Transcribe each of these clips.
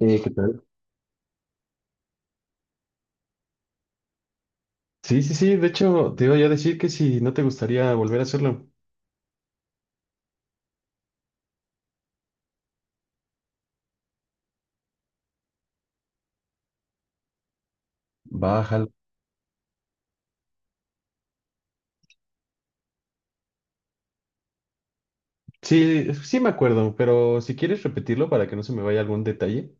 ¿Qué tal? Sí, sí, sí, de hecho, te iba yo a decir que si no te gustaría volver a hacerlo, bájalo. Sí, sí me acuerdo, pero si quieres repetirlo para que no se me vaya algún detalle.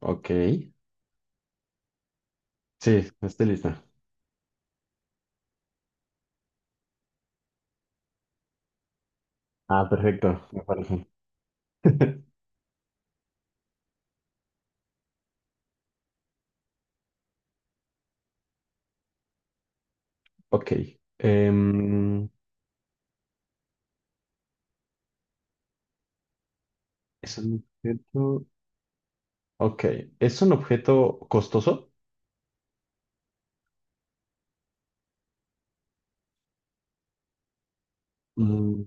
Ok. Sí, estoy lista. Ah, perfecto, me parece. Ok. em, ¿Es un objeto? Ok. ¿Es un objeto costoso? Mm,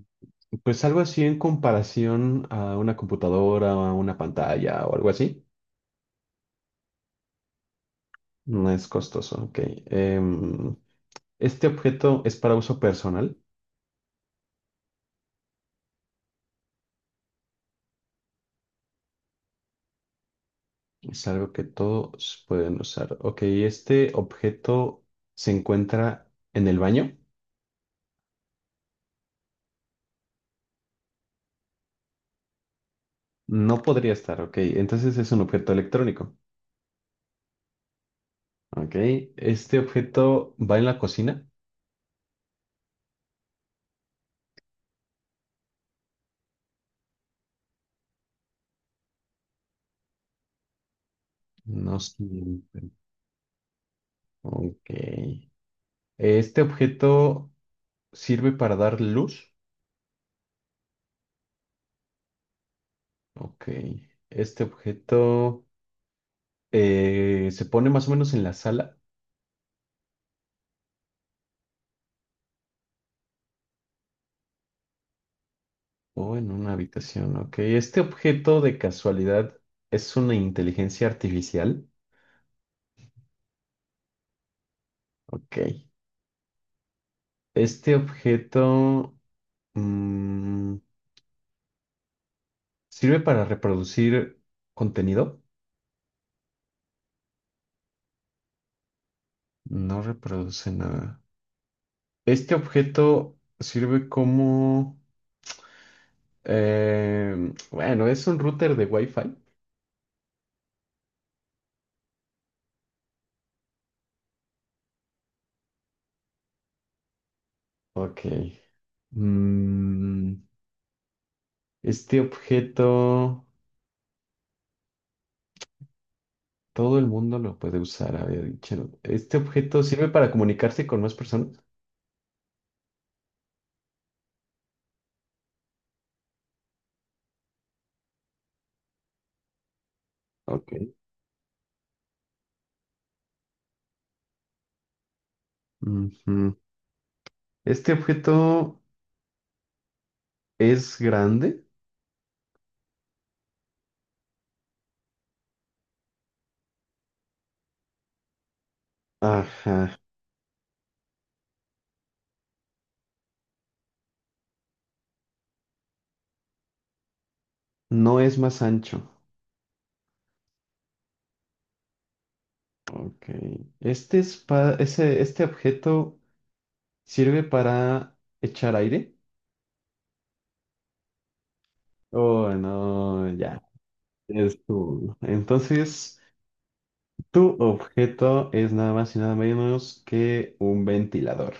pues algo así en comparación a una computadora o a una pantalla o algo así. No es costoso, ok. Em, Este objeto es para uso personal. Es algo que todos pueden usar. Ok, este objeto se encuentra en el baño. No podría estar, ok. Entonces es un objeto electrónico. Ok, este objeto va en la cocina. No siempre. Ok. Este objeto sirve para dar luz. Ok. Este objeto se pone más o menos en la sala. O en una habitación, ok. Este objeto de casualidad es una inteligencia artificial. Ok. Este objeto mm, sirve para reproducir contenido. No reproduce nada. Este objeto sirve como... bueno, es un router de Wi-Fi. Ok. Mm, este objeto... Todo el mundo lo puede usar, había dicho. Este objeto sirve para comunicarse con más personas. Ok. Ujú. Este objeto es grande. Ajá. No es más ancho. Ok. Este objeto sirve para echar aire. Oh, no, ya. Entonces, tu objeto es nada más y nada menos que un ventilador.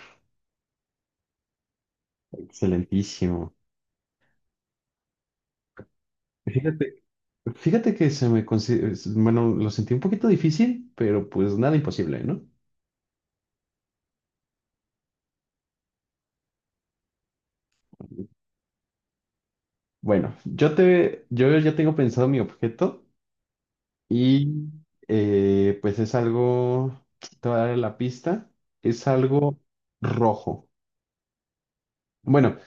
Excelentísimo. Fíjate, fíjate que se me consi- es- bueno, lo sentí un poquito difícil, pero pues nada imposible, ¿no? Bueno, yo ya tengo pensado mi objeto y pues es algo, te voy a dar la pista, es algo rojo. Bueno,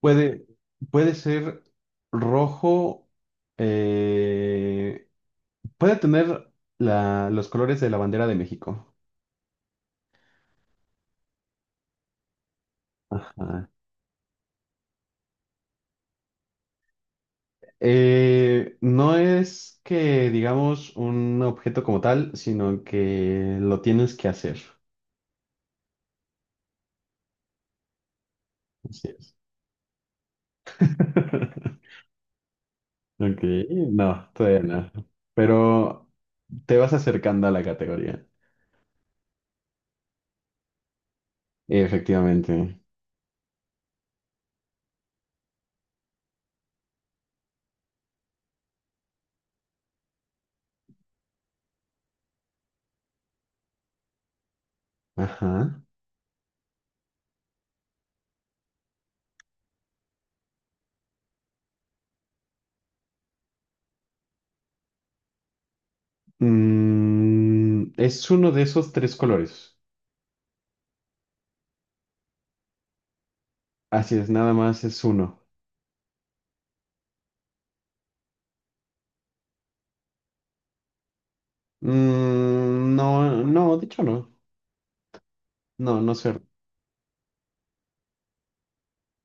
puede, puede ser rojo, eh, puede tener los colores de la bandera de México. Ajá. No es que digamos un objeto como tal, sino que lo tienes que hacer. Así es. Ok, no, todavía no. Pero te vas acercando a la categoría. Efectivamente. Ajá. Mm, es uno de esos tres colores. Así es, nada más es uno. Mm, no, no, de hecho no. No, no sé.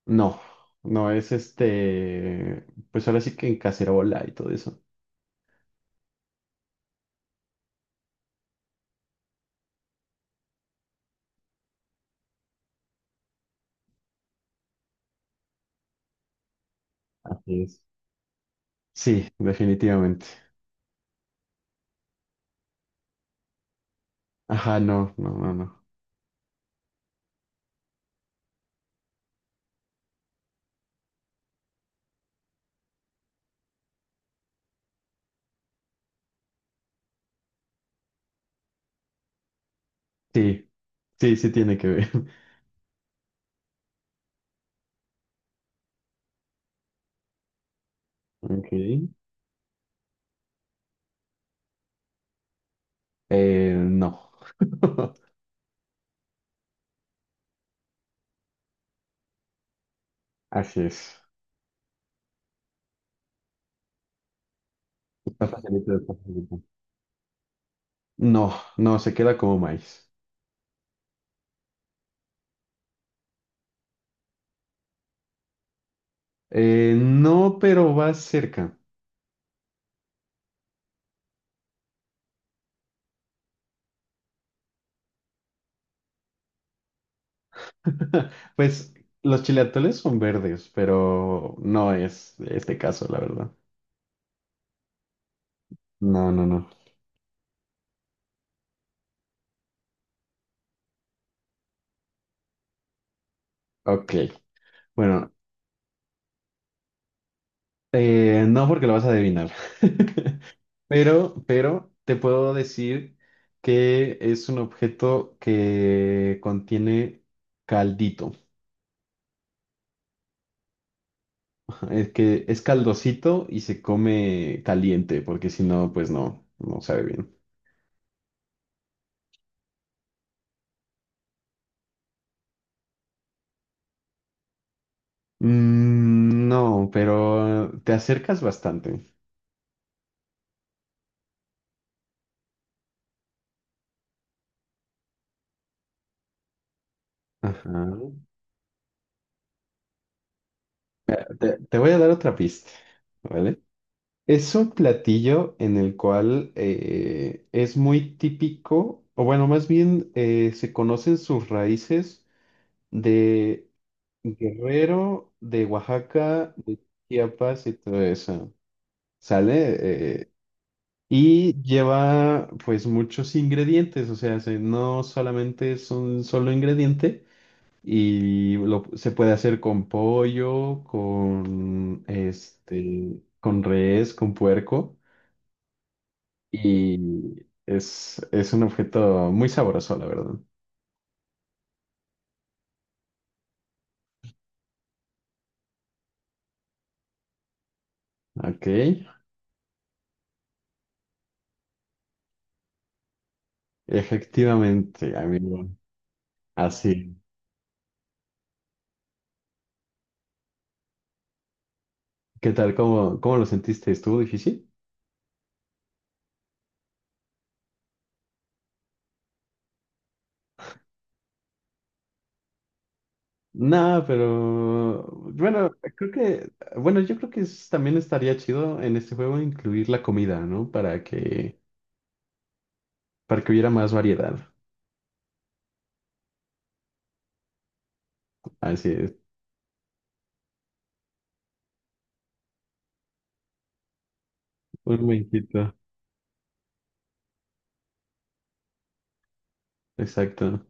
No, no, es este. Pues ahora sí que en cacerola y todo eso. Así es. Sí, definitivamente. Ajá, no, no, no, no. Sí, sí, sí tiene que ver. Ok. No. Así es. Está facilito, está facilito. No, no, se queda como maíz. No, pero va cerca. Pues los chileatoles son verdes, pero no es este caso, la verdad. No, no, no. Ok. Bueno, no porque lo vas a adivinar. Pero te puedo decir que es un objeto que contiene caldito. Es que es caldosito y se come caliente, porque si no, pues no, no sabe bien. Mm, no, pero te acercas bastante. Ajá. Te voy a dar otra pista, ¿vale? Es un platillo en el cual es muy típico, o bueno, más bien se conocen sus raíces de Guerrero, de Oaxaca, de Chiapas y todo eso. ¿Sale? Y lleva pues muchos ingredientes, o sea, no solamente es un solo ingrediente se puede hacer con pollo, con este, con res, con puerco y es un objeto muy sabroso, la verdad. Ok, efectivamente, amigo. Así. ¿Qué tal? ¿Cómo lo sentiste? ¿Estuvo difícil? No, pero bueno, creo que, bueno, yo creo que también estaría chido en este juego incluir la comida, ¿no? Para que hubiera más variedad. Así es, un momentito. Exacto.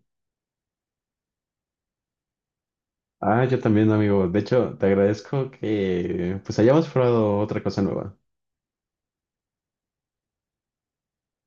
Ah, yo también, amigo. De hecho, te agradezco que pues hayamos probado otra cosa nueva.